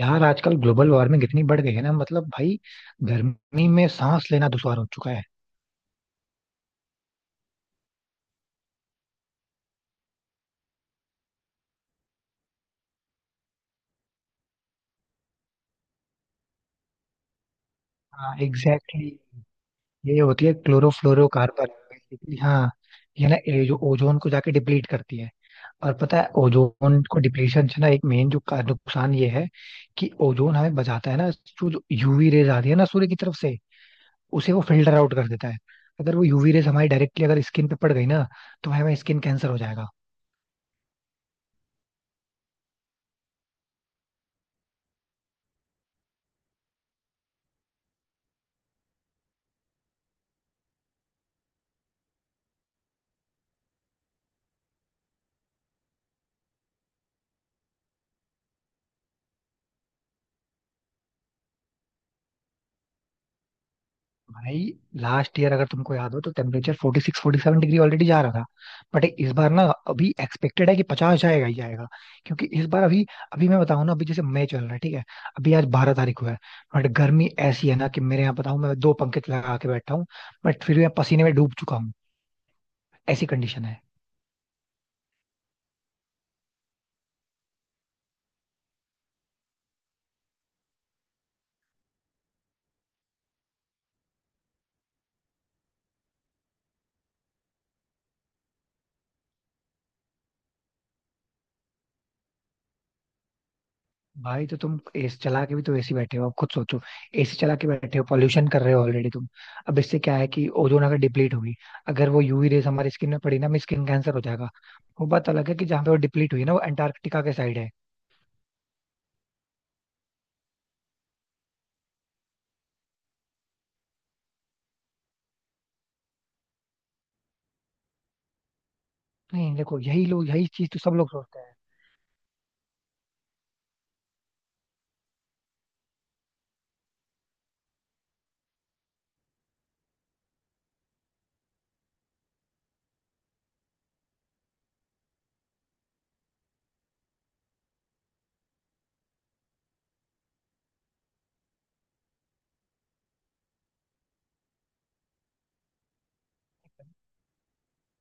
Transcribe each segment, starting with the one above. यार, आजकल global warming इतनी बढ़ गई है ना. मतलब भाई, गर्मी में सांस लेना दुश्वार हो चुका है. हाँ, एग्जैक्टली exactly. ये होती है क्लोरोफ्लोरोकार्बन. बेसिकली हाँ. ये जो ओजोन को जाके डिप्लीट करती है. और पता है, ओजोन को डिप्लीशन से ना एक मेन नुकसान ये है कि ओजोन हमें बचाता है ना. जो जो यूवी रेज आती है ना सूर्य की तरफ से, उसे वो फिल्टर आउट कर देता है. अगर वो यूवी रेज हमारी डायरेक्टली अगर स्किन पे पड़ गई ना, तो हमें स्किन कैंसर हो जाएगा. भाई, लास्ट ईयर अगर तुमको याद हो तो टेम्परेचर 46 47 डिग्री ऑलरेडी जा रहा था. बट इस बार ना, अभी एक्सपेक्टेड है कि 50 जाएगा ही जाएगा. क्योंकि इस बार अभी, अभी मैं बताऊं ना, अभी जैसे मई चल रहा है, ठीक है. अभी आज 12 तारीख हुआ है. बट गर्मी ऐसी है ना कि मेरे यहाँ बताऊं, मैं दो पंखे लगा के बैठा हूँ, बट फिर भी मैं पसीने में डूब चुका हूँ. ऐसी कंडीशन है. भाई, तो तुम एसी चला के भी तो एसी बैठे हो. अब खुद सोचो, एसी चला के बैठे हो, पॉल्यूशन कर रहे हो ऑलरेडी तुम. अब इससे क्या है कि ओजोन अगर डिप्लीट हुई, अगर वो यूवी रेस हमारी स्किन में पड़ी ना, हमें स्किन कैंसर हो जाएगा. वो बात अलग है कि जहाँ पे वो डिप्लीट हुई ना, वो अंटार्कटिका के साइड है. नहीं देखो, यही लोग यही चीज तो सब लोग सोचते हैं.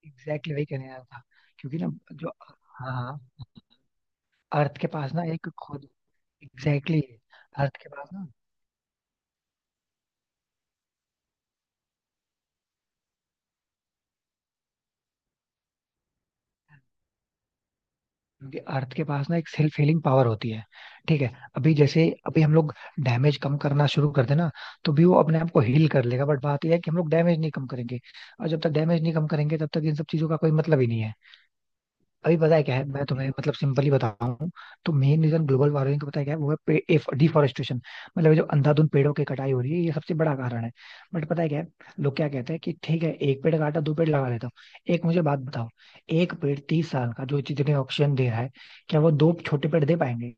एग्जैक्टली, वही कहने आया था. क्योंकि ना, जो, हाँ, अर्थ के पास ना एक खुद, एग्जैक्टली, अर्थ के पास ना, क्योंकि अर्थ के पास ना एक सेल्फ हीलिंग पावर होती है. ठीक है. अभी जैसे अभी हम लोग डैमेज कम करना शुरू कर देना तो भी वो अपने आप को हील कर लेगा. बट बात यह है कि हम लोग डैमेज नहीं कम करेंगे, और जब तक डैमेज नहीं कम करेंगे तब तक इन सब चीजों का कोई मतलब ही नहीं है. अभी पता है क्या है, मैं तुम्हें मतलब सिंपली बताऊं, तो मेन रीजन ग्लोबल वार्मिंग का पता है क्या है, वो है डिफॉरेस्टेशन. मतलब ये जो अंधाधुंध पेड़ों की कटाई हो रही है, ये सबसे बड़ा कारण है. बट पता है क्या है, लोग क्या कहते हैं कि ठीक है, एक पेड़ काटा दो पेड़ लगा लेता हूँ. एक मुझे बात बताओ, एक पेड़ 30 साल का जो जितने ऑक्सीजन दे रहा है, क्या वो दो छोटे पेड़ दे पाएंगे.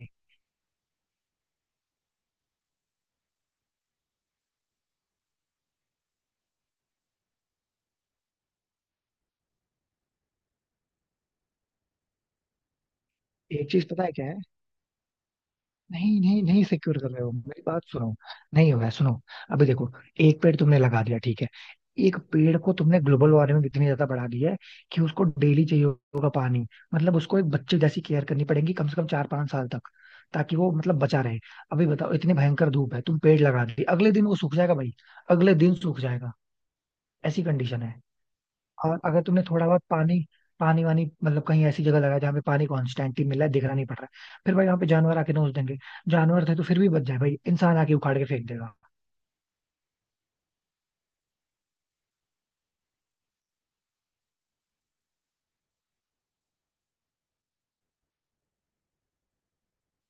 एक चीज पता है क्या है. नहीं नहीं नहीं, सिक्योर कर रहे हो, मेरी बात सुनो. नहीं होगा, सुनो. अभी देखो, एक पेड़ तुमने लगा दिया, ठीक है. एक पेड़ को तुमने ग्लोबल वार्मिंग इतनी ज्यादा बढ़ा दी है कि उसको डेली चाहिए होगा पानी. मतलब उसको एक बच्चे जैसी केयर करनी पड़ेगी कम से कम 4-5 साल तक, ताकि वो मतलब बचा रहे. अभी बताओ, इतनी भयंकर धूप है, तुम पेड़ लगा दिए, अगले दिन वो सूख जाएगा भाई. अगले दिन सूख जाएगा. ऐसी कंडीशन है. और अगर तुमने थोड़ा बहुत पानी, पानी वानी मतलब कहीं ऐसी जगह लगाया जहाँ पे पानी कॉन्स्टेंटली मिल रहा है, दिखना नहीं पड़ रहा है, फिर भाई वहाँ पे जानवर आके नोच देंगे. जानवर थे तो फिर भी बच जाए भाई, इंसान आके उखाड़ के फेंक देगा.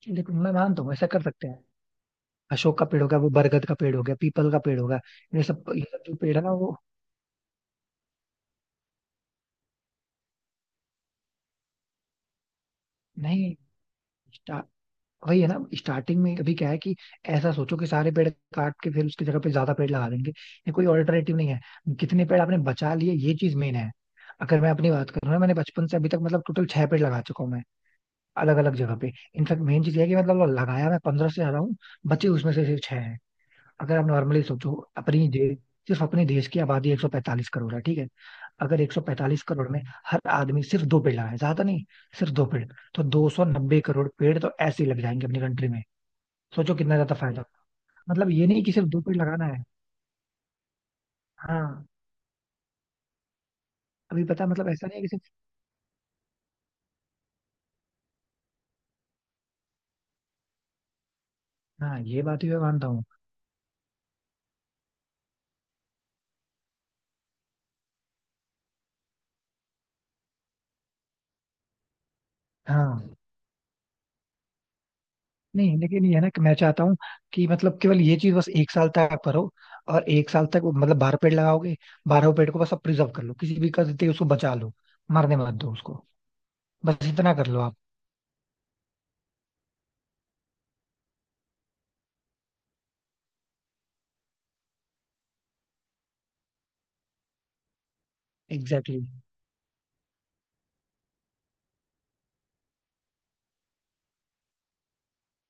लेकिन मैं मानता हूँ, ऐसा कर सकते हैं. अशोक का पेड़ हो गया, वो बरगद का पेड़ हो गया, पीपल का पेड़ हो गया. ये सब जो पेड़ है ना वो, नहीं, वही है ना. स्टार्टिंग में अभी क्या है कि ऐसा सोचो कि सारे पेड़ काट के फिर उसकी जगह पे ज्यादा पेड़ लगा देंगे, ये कोई ऑल्टरनेटिव नहीं है. कितने पेड़ आपने बचा लिए, ये चीज मेन है. अगर मैं अपनी बात करूँ ना, मैंने बचपन से अभी तक मतलब टोटल छह पेड़ लगा चुका हूँ मैं, अलग अलग जगह पे. इनफैक्ट मेन चीज ये है कि मतलब लगाया मैं 15 से ज्यादा हूँ, बचे उसमें से सिर्फ छह हैं. अगर आप नॉर्मली सोचो, अपनी दे, सिर्फ अपने देश की आबादी 145 करोड़ है, ठीक है. अगर 145 करोड़ में हर आदमी सिर्फ दो पेड़ लगाए, ज्यादा नहीं, सिर्फ दो पेड़, तो 290 करोड़ पेड़ तो ऐसे ही लग जाएंगे अपनी कंट्री में. सोचो कितना ज्यादा फायदा. मतलब ये नहीं कि सिर्फ दो पेड़ लगाना है. हाँ. अभी पता मतलब ऐसा नहीं है कि सिर्फ. हाँ, ये बात भी मैं मानता हूँ. हाँ. नहीं, लेकिन ये है ना कि मैं चाहता हूँ कि मतलब केवल ये चीज बस एक साल तक करो. और एक साल तक वो मतलब 12 पेड़ लगाओगे, 12 पेड़ को बस आप प्रिजर्व कर लो, किसी भी करते उसको बचा लो, मरने मत दो उसको. बस इतना कर लो आप. Exactly exactly.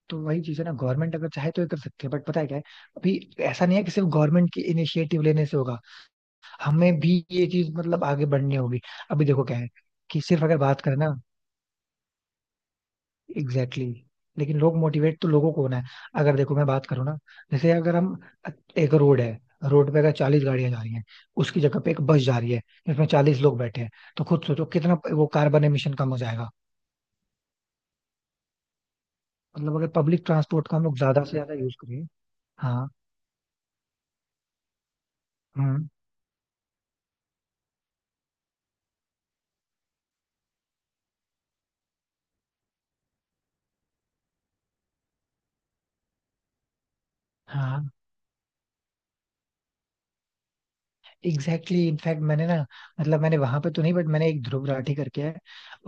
तो वही चीज है ना, गवर्नमेंट अगर चाहे तो ये कर सकती है. बट पता है क्या है, अभी ऐसा नहीं है कि सिर्फ गवर्नमेंट की इनिशिएटिव लेने से होगा, हमें भी ये चीज मतलब आगे बढ़नी होगी. अभी देखो क्या है कि सिर्फ अगर बात करें ना, एग्जैक्टली exactly. लेकिन लोग मोटिवेट तो लोगों को होना है. अगर देखो मैं बात करूँ ना, जैसे अगर हम, एक रोड है, रोड पे अगर 40 गाड़ियां जा रही हैं, उसकी जगह पे एक बस जा रही है जिसमें 40 लोग बैठे हैं, तो खुद सोचो कितना वो कार्बन एमिशन कम हो जाएगा. मतलब अगर पब्लिक ट्रांसपोर्ट का हम लोग ज्यादा से ज्यादा यूज करें. हाँ. हम्म. हाँ. एग्जैक्टली, इनफैक्ट मैंने ना, मतलब मैंने वहां पे तो नहीं, बट मैंने एक ध्रुव राठी करके है,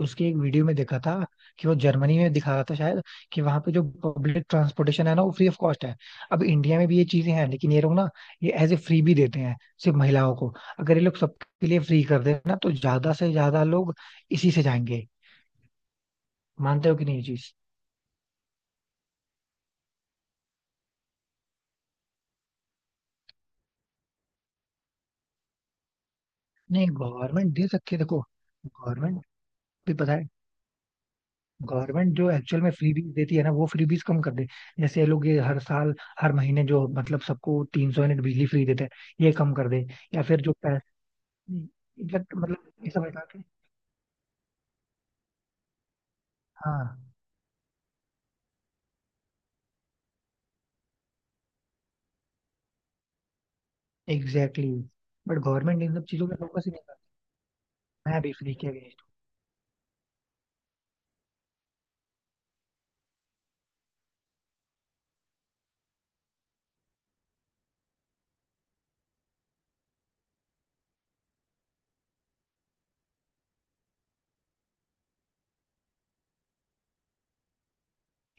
उसके एक वीडियो में देखा था कि वो जर्मनी में दिखा रहा था शायद, कि वहां पे जो पब्लिक ट्रांसपोर्टेशन है ना वो फ्री ऑफ कॉस्ट है. अब इंडिया में भी ये चीजें हैं लेकिन ये लोग ना, ये एज ए फ्री भी देते हैं सिर्फ महिलाओं को. अगर ये लोग सबके लिए फ्री कर दे ना, तो ज्यादा से ज्यादा लोग इसी से जाएंगे. मानते हो कि नहीं ये चीज? नहीं, गवर्नमेंट दे सकती है, देखो, गवर्नमेंट भी पता है, गवर्नमेंट जो एक्चुअल में फ्रीबीज देती है ना, वो फ्रीबीज कम कर दे. जैसे ये लोग ये हर साल, हर महीने जो मतलब सबको 300 यूनिट बिजली फ्री देते हैं, ये कम कर दे. या फिर जो पैसे, एग्जैक्ट मतलब ये सब हटा के. हाँ, एग्जैक्टली exactly. बट गवर्नमेंट इन सब चीजों पे फोकस ही नहीं करती. मैं भी फ्री के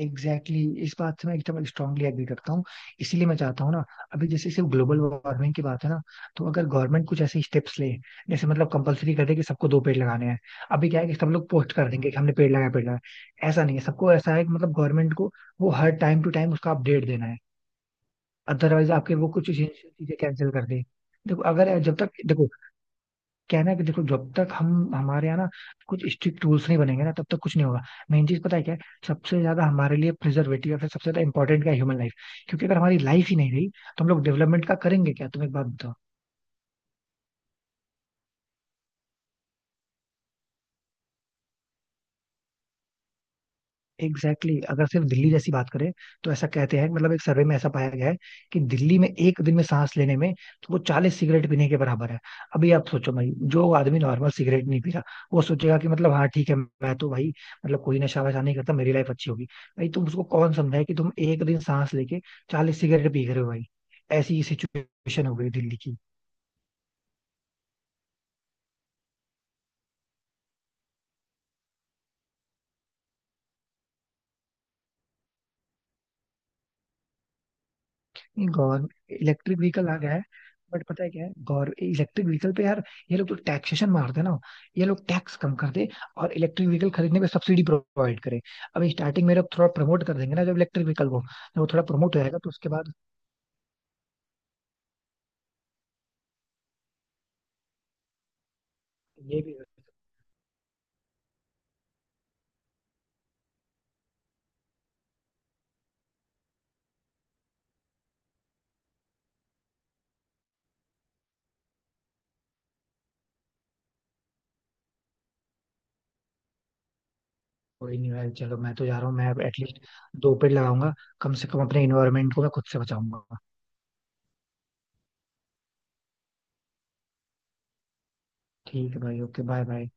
एग्जैक्टली, इस बात से मैं एकदम स्ट्रांगली एग्री करता हूँ. इसीलिए मैं चाहता हूँ ना, अभी जैसे सिर्फ ग्लोबल वार्मिंग की बात है ना, तो अगर गवर्नमेंट कुछ ऐसे स्टेप्स ले, जैसे मतलब कंपलसरी कर दे कि सबको दो पेड़ लगाने हैं. अभी क्या है कि सब लोग पोस्ट कर देंगे कि हमने पेड़ लगाया पेड़ लगाया, ऐसा नहीं है. सबको ऐसा है कि मतलब गवर्नमेंट को वो हर टाइम टू टाइम उसका अपडेट देना है, अदरवाइज आपके वो कुछ चीजें कैंसिल कर दे. देखो, अगर जब तक देखो क्या है ना कि देखो जब तक हम हमारे यहाँ ना कुछ स्ट्रिक्ट रूल्स नहीं बनेंगे ना, तब तक कुछ नहीं होगा. मेन चीज पता है क्या है, सबसे ज्यादा हमारे लिए प्रिजर्वेटिव या फिर सबसे ज्यादा इंपॉर्टेंट क्या है, ह्यूमन लाइफ. क्योंकि अगर हमारी लाइफ ही नहीं रही, तो हम लोग डेवलपमेंट का करेंगे क्या, तुम एक बात बताओ. एग्जैक्टली, अगर सिर्फ दिल्ली जैसी बात करें, तो ऐसा कहते हैं मतलब एक सर्वे में ऐसा पाया गया है कि दिल्ली में एक दिन में सांस लेने में, तो वो 40 सिगरेट पीने के बराबर है. अभी आप सोचो भाई, जो आदमी नॉर्मल सिगरेट नहीं पी रहा, वो सोचेगा कि मतलब हाँ ठीक है, मैं तो भाई मतलब कोई नशा वशा नहीं करता, मेरी लाइफ अच्छी होगी. भाई तुम उसको कौन समझाए कि तुम एक दिन सांस लेके 40 सिगरेट पी रहे हो भाई. ऐसी सिचुएशन हो गई दिल्ली की. गवर्नमेंट इलेक्ट्रिक व्हीकल आ गया है. बट पता है क्या है, गौर इलेक्ट्रिक व्हीकल पे यार, ये लोग तो टैक्सेशन मारते हैं ना. ये लोग टैक्स कम कर दे, और इलेक्ट्रिक व्हीकल खरीदने पे सब्सिडी प्रोवाइड करे. अब स्टार्टिंग में लोग थोड़ा प्रमोट कर देंगे ना, जब इलेक्ट्रिक व्हीकल को जब वो थोड़ा प्रमोट हो जाएगा तो उसके बाद, ये भी, कोई नहीं भाई, चलो मैं तो जा रहा हूँ, मैं एटलीस्ट दो पेड़ लगाऊंगा, कम से कम अपने इन्वायरमेंट को मैं खुद से बचाऊंगा. ठीक है भाई, ओके, बाय बाय.